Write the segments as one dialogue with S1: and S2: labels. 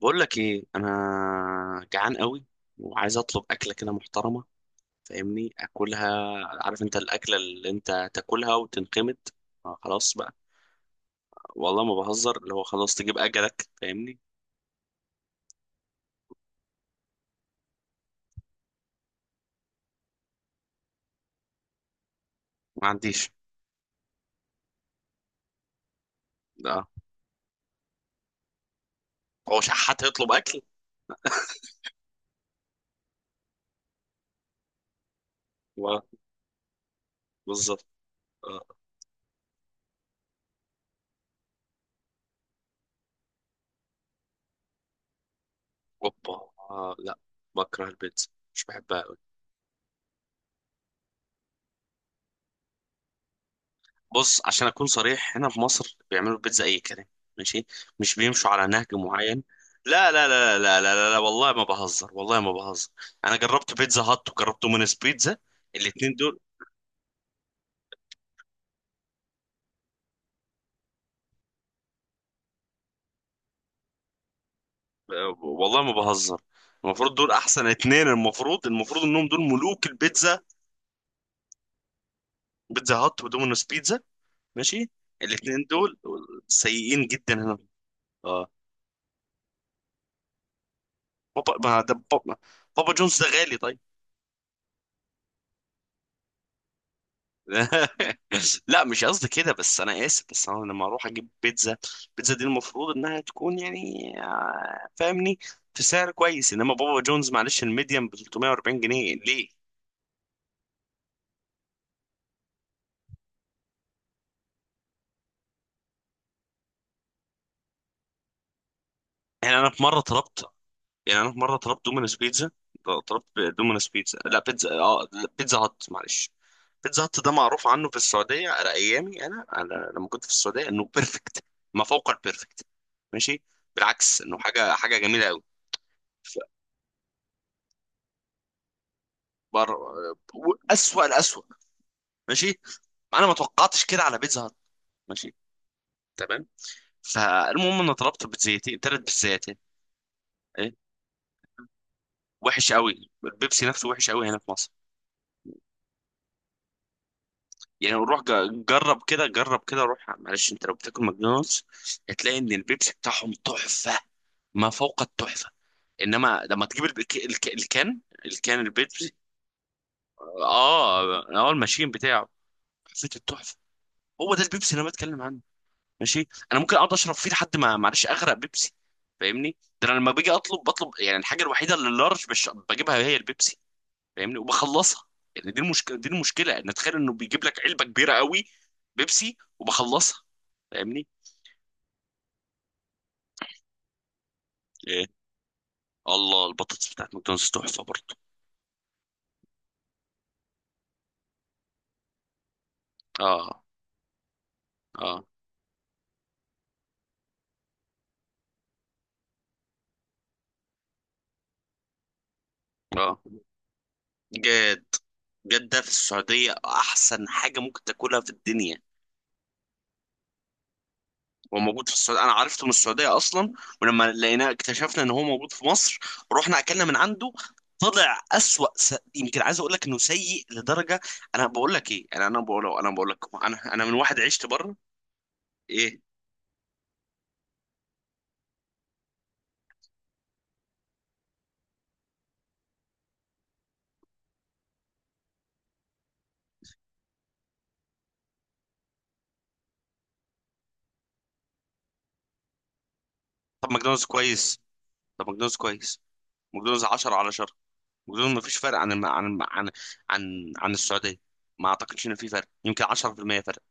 S1: بقول لك ايه؟ انا جعان قوي، وعايز اطلب اكله كده محترمه. فاهمني؟ اكلها، عارف انت الاكله اللي انت تاكلها وتنقمت. آه، خلاص بقى. والله ما بهزر، اللي هو خلاص تجيب اجلك، فاهمني؟ ما عنديش. لا. هو شحات هيطلب اكل؟ ولا. بالظبط. آه. اوبا، آه لا. بكره البيتزا، مش بحبها. بص، عشان اكون صريح، هنا في مصر بيعملوا البيتزا اي كلام. ماشي. مش بيمشوا على نهج معين. لا لا لا لا لا لا، لا والله ما بهزر، والله ما بهزر. انا جربت بيتزا هات وجربت دومينيز بيتزا، الاتنين دول، آه، والله ما بهزر. المفروض دول احسن اتنين، المفروض انهم دول ملوك البيتزا. بيتزا هات ودومينيز بيتزا، ماشي، الاتنين دول سيئين جدا هنا. اه. بابا، ما ده بابا. بابا جونز ده غالي طيب. لا مش قصدي كده، بس انا اسف، بس انا لما اروح اجيب بيتزا، بيتزا دي المفروض انها تكون يعني فاهمني؟ في سعر كويس، انما بابا جونز معلش الميديم ب 340 جنيه ليه؟ يعني انا في مره طلبت يعني انا في مره طلبت دومينوز بيتزا. طلبت دومينوز بيتزا، لا بيتزا، اه لا، بيتزا هات. معلش، بيتزا هات ده معروف عنه في السعوديه على ايامي، انا على لما كنت في السعوديه انه بيرفكت، ما فوق البيرفكت، ماشي، بالعكس انه حاجه جميله قوي. بر... اسوأ الاسوأ. ماشي. انا ما توقعتش كده على بيتزا هات. ماشي. تمام. فالمهم انا طلبت بيتزايتين، ثلاث بيتزايتين. ايه؟ وحش قوي، البيبسي نفسه وحش قوي هنا في مصر. يعني روح جرب كده، جرب كده، روح، معلش انت لو بتاكل ماكدونالدز هتلاقي ان البيبسي بتاعهم تحفة، ما فوق التحفة. انما لما تجيب الكان البيبسي. اه، اه، الماشين بتاعه، حسيت التحفة. هو ده البيبسي اللي انا بتكلم عنه. ماشي، انا ممكن اقعد اشرب فيه لحد ما معلش اغرق بيبسي، فاهمني؟ ده انا لما باجي اطلب، بطلب يعني الحاجه الوحيده اللي اللارج بجيبها هي البيبسي، فاهمني، وبخلصها. يعني دي المشكله ان تخيل انه بيجيب لك علبه كبيره قوي بيبسي وبخلصها، فاهمني. ايه؟ الله، البطاطس بتاعت ماكدونالدز تحفه برضه. اه. اه. اه. جد؟ جدة في السعودية أحسن حاجة ممكن تاكلها في الدنيا. هو موجود في السعودية، أنا عرفته من السعودية أصلا. ولما لقيناه اكتشفنا إن هو موجود في مصر، رحنا أكلنا من عنده، طلع أسوأ يمكن عايز أقول لك إنه سيء لدرجة. أنا بقول لك، أنا من واحد عشت بره. إيه؟ طب ماكدونالدز كويس، طب ماكدونالدز كويس ماكدونالدز 10 على 10. ماكدونالدز ما فيش فرق عن الم... عن الم... عن عن عن السعودية. ما أعتقدش إن في فرق، يمكن 10% فرق.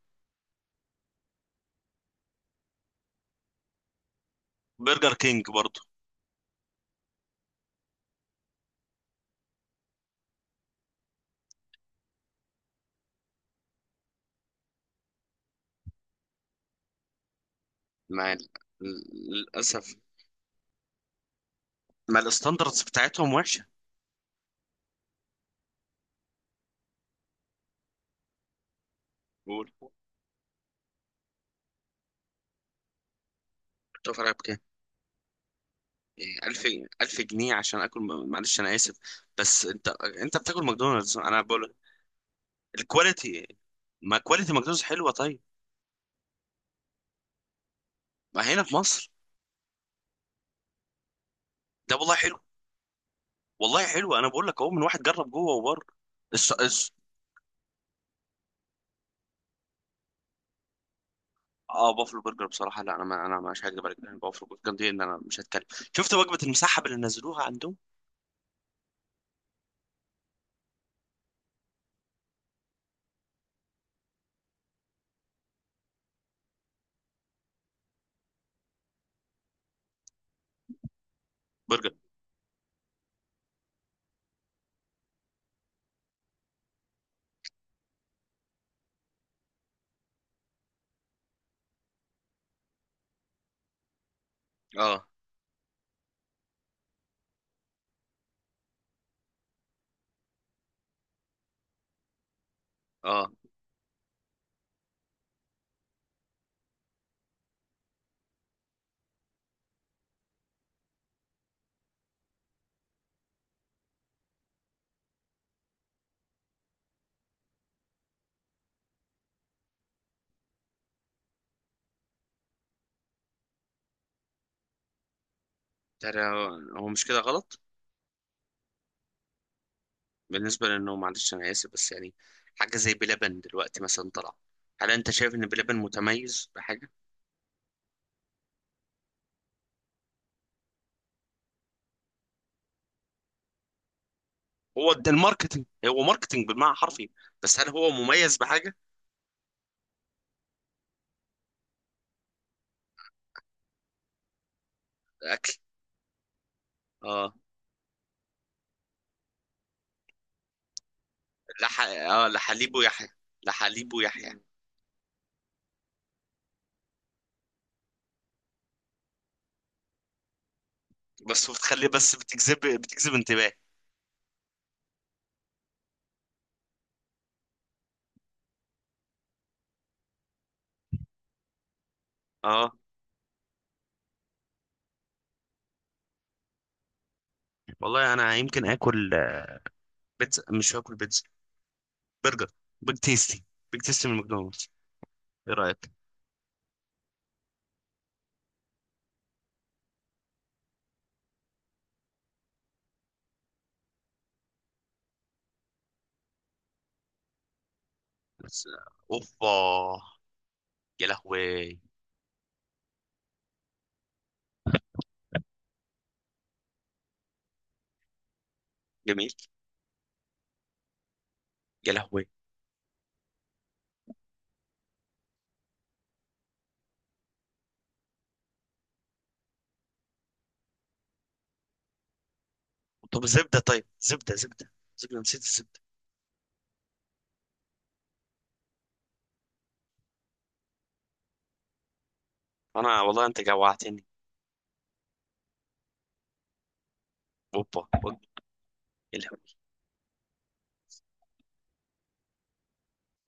S1: برجر كينج برضه. ما للأسف. ما الستاندردز بتاعتهم وحشة. قول. بتوفر عليها بكام؟ ألف؟ ألف جنيه عشان آكل؟ معلش أنا آسف، بس أنت، أنت بتاكل ماكدونالدز، أنا بقول الكواليتي. ما كواليتي ماكدونالدز حلوة طيب. ما هنا في مصر ده والله حلو. والله حلو، أنا بقول لك أهو من واحد جرب جوه وبره. الس... الس... اه، بافلو برجر بصراحة، لا أنا ما... أنا مش هكدب عليك، يعني بافلو برجر دي إن أنا مش هتكلم. شفت وجبة المسحب اللي نزلوها عندهم؟ برجر. اه. اه. ترى هو مش كده غلط. بالنسبة لأنه معلش أنا آسف، بس يعني حاجة زي بلبن دلوقتي مثلا طلع، هل أنت شايف إن بلبن متميز بحاجة؟ هو ده الماركتينج، هو ماركتينج بالمعنى الحرفي. بس هل هو مميز بحاجة؟ أكل. آه. آه، لحليب ويحيى، لحليب ويحيى. بس بتخلي بس بتجذب انتباه. آه، والله أنا يمكن آكل. بيتزا؟ مش هاكل بيتزا. برجر. بيج تيستي. بيج تيستي من ماكدونالدز. إيه رأيك؟ بس أوبا. يا لهوي. جميل. يا لهوي. طب زبدة، طيب زبدة، زبدة، نسيت الزبدة. انا والله انت جوعتني. اوبا، أوبا. إيه الهبل؟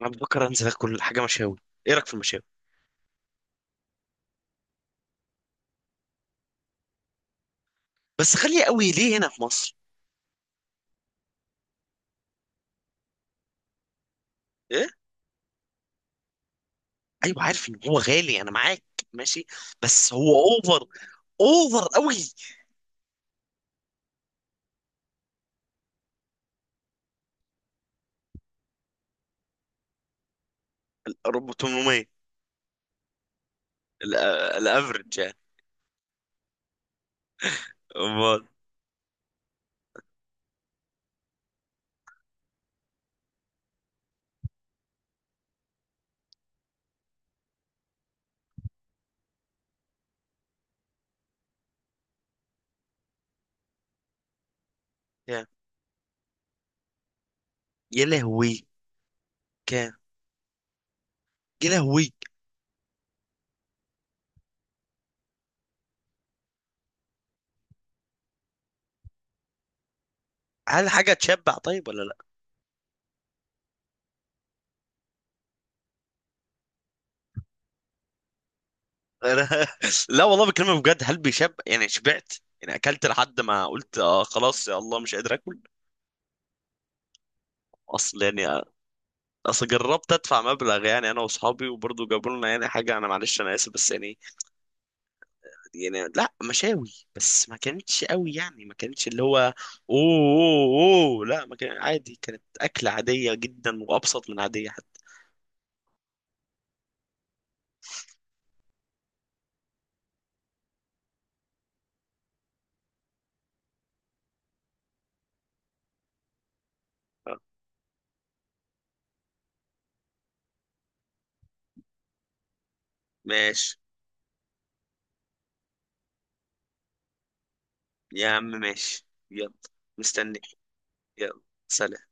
S1: انا بفكر انزل اكل حاجة مشاوي. ايه رأيك في المشاوي؟ بس غالية قوي ليه هنا في مصر؟ ايه؟ ايوه عارف ان هو غالي، انا معاك. ماشي. بس هو اوفر، اوفر قوي. ال 800. الافرج يعني. امال. كام؟ يا لهوي. كام؟ يا لهوي. هل حاجة تشبع طيب ولا لا؟ أنا... لا والله بكلمك بجد، هل بيشب يعني شبعت؟ يعني اكلت لحد ما قلت آه خلاص يا الله مش قادر اكل. اصل يعني اصل جربت ادفع مبلغ يعني انا واصحابي وبرضه جابوا لنا يعني حاجه، انا معلش انا اسف بس يعني يعني لا، مشاوي بس ما كانتش قوي، يعني ما كانتش اللي هو اوه. أوه، لا ما كان عادي، كانت اكله عاديه جدا وابسط من عاديه حتى. ماشي. يا عم ماشي. يلا. مستني. يلا. سلام.